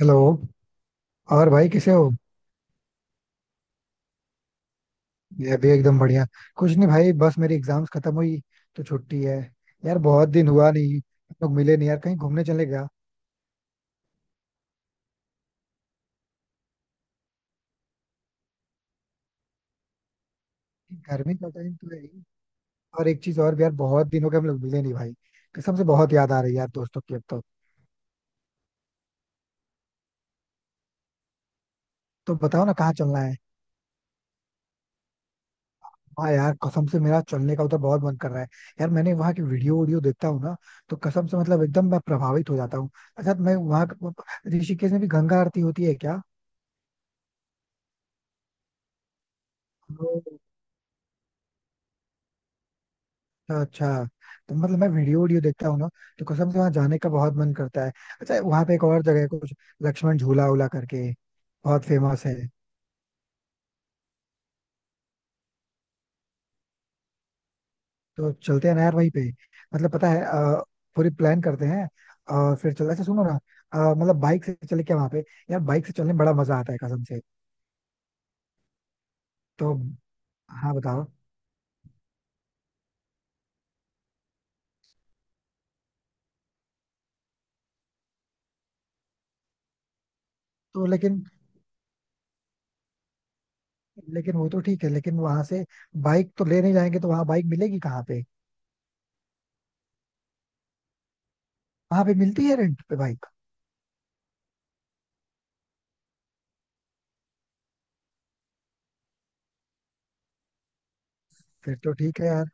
Hello. और भाई कैसे हो। मैं भी एकदम बढ़िया। कुछ नहीं भाई, बस मेरी एग्जाम्स खत्म हुई, तो छुट्टी है। यार बहुत दिन हुआ नहीं, हम लोग मिले नहीं, यार कहीं घूमने चले गया। गर्मी का टाइम तो है ही। और एक चीज और भी यार, बहुत दिन हो गए हम लोग मिले नहीं भाई। कसम से बहुत याद आ रही है यार दोस्तों की अब तो। तो बताओ ना कहाँ चलना है। हाँ यार, कसम से मेरा चलने का उधर बहुत मन कर रहा है। यार मैंने वहाँ की वीडियो वीडियो देखता हूँ ना, तो कसम से मतलब एकदम मैं प्रभावित हो जाता हूँ। अच्छा मैं वहाँ, ऋषिकेश में भी गंगा आरती होती है क्या। अच्छा अच्छा। तो मतलब मैं वीडियो वीडियो देखता हूँ ना, तो कसम से वहां जाने का बहुत मन करता है। अच्छा वहां पे एक और जगह है कुछ, लक्ष्मण झूला उला करके। बहुत फेमस है। तो चलते हैं ना यार वहीं पे। मतलब पता है पूरी प्लान करते हैं। और फिर चल, अच्छा सुनो ना, मतलब बाइक से चले क्या वहां पे। यार बाइक से चलने में बड़ा मजा आता है कसम से। तो हाँ बताओ। तो लेकिन, लेकिन वो तो ठीक है, लेकिन वहां से बाइक तो ले नहीं जाएंगे, तो वहां बाइक मिलेगी कहाँ पे। वहां पे मिलती है रेंट पे बाइक। फिर तो ठीक है यार।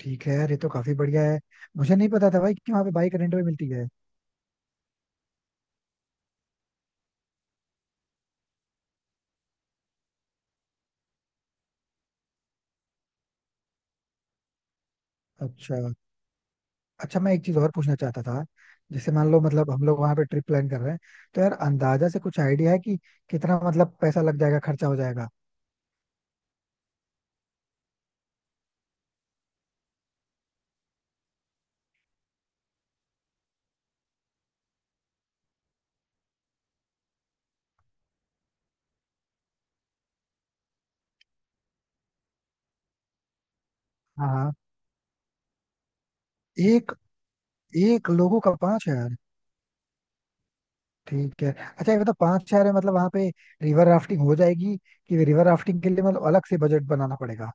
ठीक है यार, ये तो काफी बढ़िया है। मुझे नहीं पता था भाई कि वहाँ पे बाइक रेंट में मिलती है। अच्छा अच्छा। मैं एक चीज और पूछना चाहता था। जैसे मान लो मतलब हम लोग वहाँ पे ट्रिप प्लान कर रहे हैं, तो यार अंदाजा से कुछ आइडिया है कि कितना मतलब पैसा लग जाएगा, खर्चा हो जाएगा। हाँ हाँ। एक, एक लोगों का 5,000। ठीक है। अच्छा ये मतलब 5,000 है, मतलब वहाँ पे रिवर राफ्टिंग हो जाएगी, कि रिवर राफ्टिंग के लिए मतलब अलग से बजट बनाना पड़ेगा।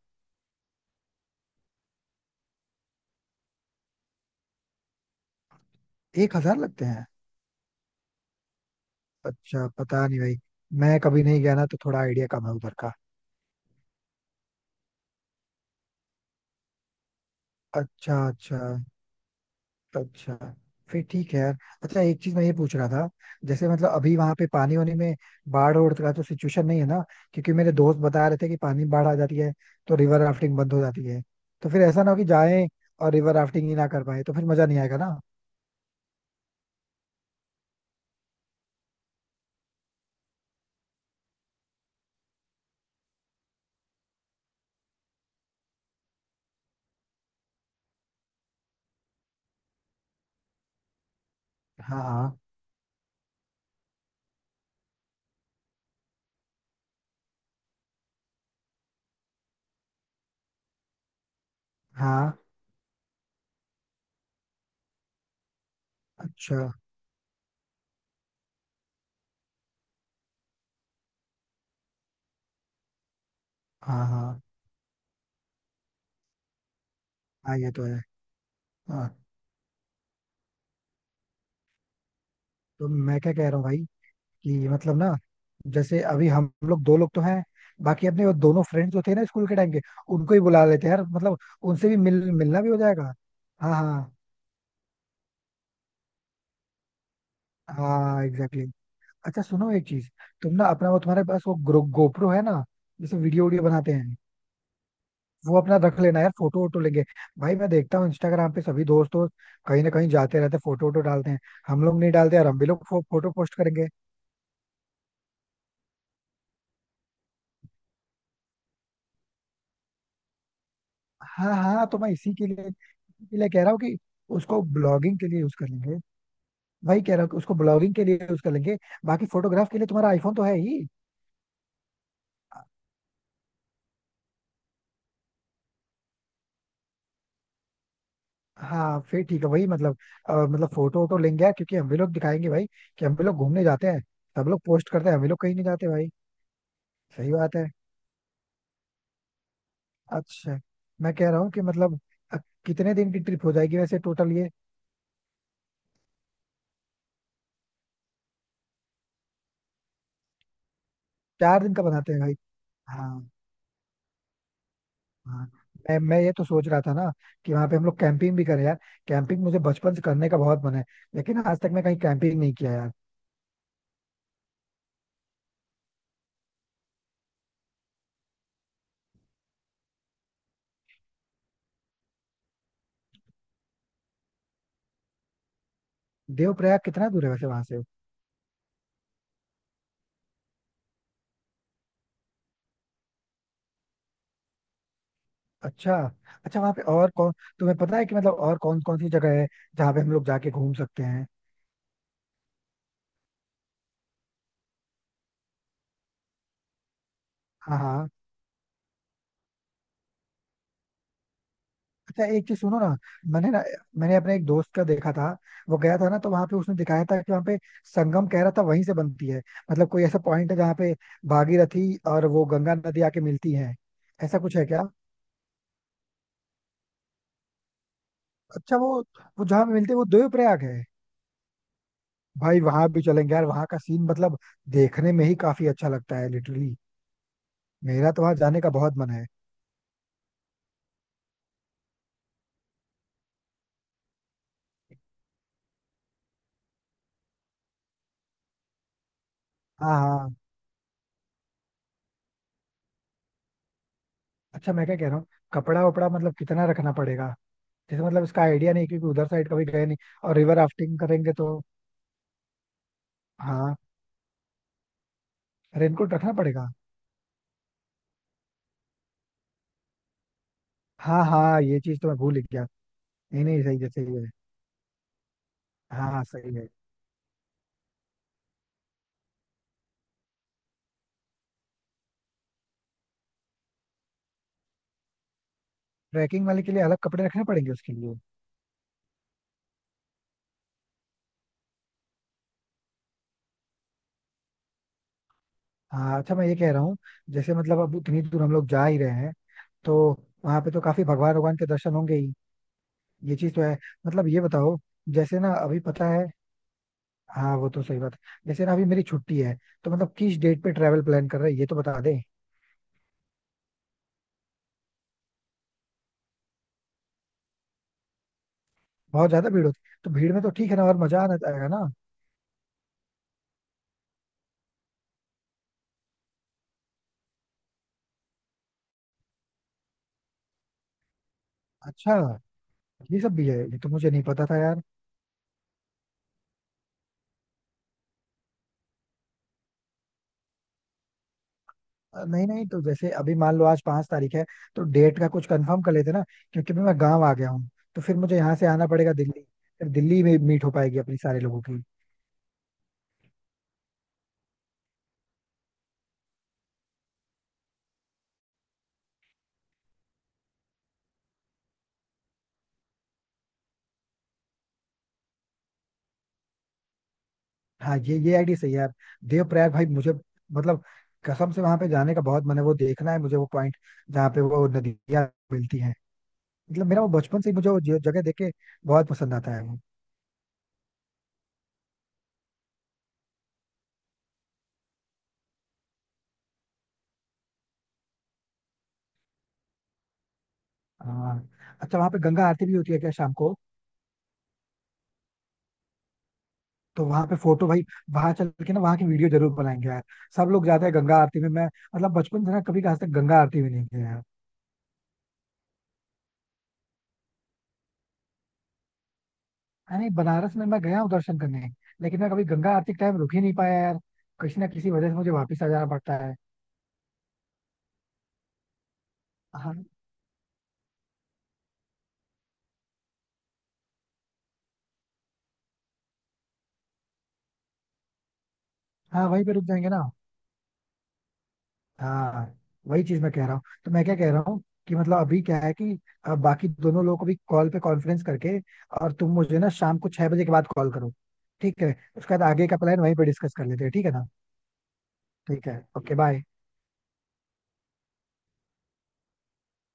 1,000 लगते हैं। अच्छा पता नहीं भाई, मैं कभी नहीं गया ना, तो थोड़ा आइडिया कम है उधर का। अच्छा अच्छा। अच्छा फिर ठीक है यार। अच्छा एक चीज मैं ये पूछ रहा था। जैसे मतलब अभी वहां पे पानी वानी में बाढ़ और का तो सिचुएशन नहीं है ना। क्योंकि मेरे दोस्त बता रहे थे कि पानी में बाढ़ आ जाती है, तो रिवर राफ्टिंग बंद हो जाती है, तो फिर ऐसा ना हो कि जाएं और रिवर राफ्टिंग ही ना कर पाए, तो फिर मजा नहीं आएगा ना। हाँ हाँ हाँ। अच्छा। हाँ हाँ हाँ, ये तो है। हाँ, तो मैं क्या कह रहा हूँ भाई, कि मतलब ना, जैसे अभी हम लोग दो लोग तो हैं, बाकी अपने वो दोनों फ्रेंड्स जो थे ना स्कूल के टाइम के, उनको ही बुला लेते हैं यार, मतलब उनसे भी मिलना भी हो जाएगा। हाँ हाँ हाँ, एग्जैक्टली exactly। अच्छा सुनो एक चीज, तुम ना अपना वो, तुम्हारे पास वो गोप्रो है ना, जैसे वीडियो वीडियो बनाते हैं, वो अपना रख लेना यार, फोटो वोटो लेंगे। भाई मैं देखता हूँ इंस्टाग्राम पे सभी दोस्त वोस्त कहीं ना कहीं जाते रहते, फोटो वोटो डालते हैं। हम लोग नहीं डालते यार, हम भी लोग फोटो पोस्ट करेंगे। हाँ हाँ, तो मैं इसी के लिए कह रहा हूँ कि उसको ब्लॉगिंग के लिए यूज कर लेंगे। वही कह रहा हूँ कि उसको ब्लॉगिंग के लिए यूज कर लेंगे। बाकी फोटोग्राफ के लिए तुम्हारा आईफोन तो है ही। हाँ फिर ठीक है, वही मतलब मतलब फोटो वोटो लेंगे यार, क्योंकि हम भी लोग दिखाएंगे भाई कि हम भी लोग घूमने जाते हैं। सब लोग पोस्ट करते हैं, हम भी लोग कहीं नहीं जाते भाई। सही बात है। अच्छा मैं कह रहा हूँ कि मतलब अ, कितने दिन की ट्रिप हो जाएगी वैसे टोटल ये। 4 दिन का बनाते हैं भाई। हाँ हाँ। मैं ये तो सोच रहा था ना, कि वहाँ पे हम लोग कैंपिंग भी करें यार। कैंपिंग मुझे बचपन से करने का बहुत मन है, लेकिन आज तक मैं कहीं कैंपिंग नहीं किया यार। देवप्रयाग कितना दूर है वैसे वहां से। अच्छा अच्छा। वहाँ पे और कौन, तुम्हें पता है कि मतलब और कौन कौन सी जगह है जहाँ पे हम लोग जाके घूम सकते हैं। हाँ हाँ। अच्छा एक चीज सुनो ना, मैंने ना मैंने अपने एक दोस्त का देखा था। वो गया था ना, तो वहाँ पे उसने दिखाया था कि वहाँ पे संगम कह रहा था वहीं से बनती है, मतलब कोई ऐसा पॉइंट है जहाँ पे भागीरथी और वो गंगा नदी आके मिलती है। ऐसा कुछ है क्या। अच्छा वो जहाँ पे मिलते हैं, वो देवप्रयाग है। भाई वहां भी चलेंगे यार, वहां का सीन मतलब देखने में ही काफी अच्छा लगता है लिटरली। मेरा तो वहां जाने का बहुत मन है। हाँ हाँ। अच्छा मैं क्या कह रहा हूँ, कपड़ा वपड़ा मतलब कितना रखना पड़ेगा। जैसे मतलब इसका आइडिया नहीं, क्योंकि उधर साइड कभी गए नहीं। और रिवर राफ्टिंग करेंगे तो, हाँ रेनकोट रखना पड़ेगा। हाँ हाँ, ये चीज तो मैं भूल ही गया। नहीं नहीं, सही है सही है। हाँ हाँ सही है। ट्रैकिंग वाले के लिए अलग कपड़े रखने पड़ेंगे उसके लिए। हाँ। अच्छा मैं ये कह रहा हूँ, जैसे मतलब अब इतनी दूर हम लोग जा ही रहे हैं, तो वहां पे तो काफी भगवान भगवान के दर्शन होंगे ही। ये चीज तो है, मतलब ये बताओ, जैसे ना अभी पता है। हाँ वो तो सही बात है। जैसे ना अभी मेरी छुट्टी है, तो मतलब किस डेट पे ट्रेवल प्लान कर रहे हैं ये तो बता दें। बहुत ज्यादा भीड़ होती है, तो भीड़ में तो ठीक है ना, और मजा आना आएगा ना। अच्छा, ये सब भी है, ये तो मुझे नहीं पता था यार। नहीं नहीं, तो जैसे अभी मान लो आज 5 तारीख है, तो डेट का कुछ कंफर्म कर लेते ना। क्योंकि मैं गाँव आ गया हूँ, तो फिर मुझे यहाँ से आना पड़ेगा दिल्ली। फिर दिल्ली में मीट हो पाएगी अपनी सारे लोगों की। हाँ, ये आइडिया सही है यार। देवप्रयाग भाई मुझे, मतलब कसम से वहां पे जाने का बहुत मन है, वो देखना है मुझे वो पॉइंट जहाँ पे वो नदियाँ मिलती हैं। मतलब मेरा वो बचपन से ही, मुझे वो जगह देख के बहुत पसंद आता है वो। हाँ। अच्छा वहाँ पे गंगा आरती भी होती है क्या शाम को। तो वहाँ पे फोटो भाई, वहां चल के ना वहाँ की वीडियो जरूर बनाएंगे यार। सब लोग जाते हैं गंगा आरती में, मैं मतलब बचपन से ना कभी आज तक गंगा आरती भी नहीं गया यार। हाँ, नहीं, बनारस में मैं गया हूँ दर्शन करने, लेकिन मैं कभी गंगा आरती के टाइम रुक ही नहीं पाया यार। किसी ना किसी वजह से मुझे वापस आ जाना पड़ता है। हाँ हाँ, वहीं पे रुक जाएंगे ना। हाँ, वही चीज मैं कह रहा हूँ। तो मैं क्या कह रहा हूँ कि मतलब अभी क्या है कि, बाकी दोनों लोगों को भी कॉल पे कॉन्फ्रेंस करके, और तुम मुझे ना शाम को 6 बजे के बाद कॉल करो। ठीक है उसके बाद आगे का प्लान वहीं पे डिस्कस कर लेते हैं, ठीक है ना। ठीक है, ओके बाय।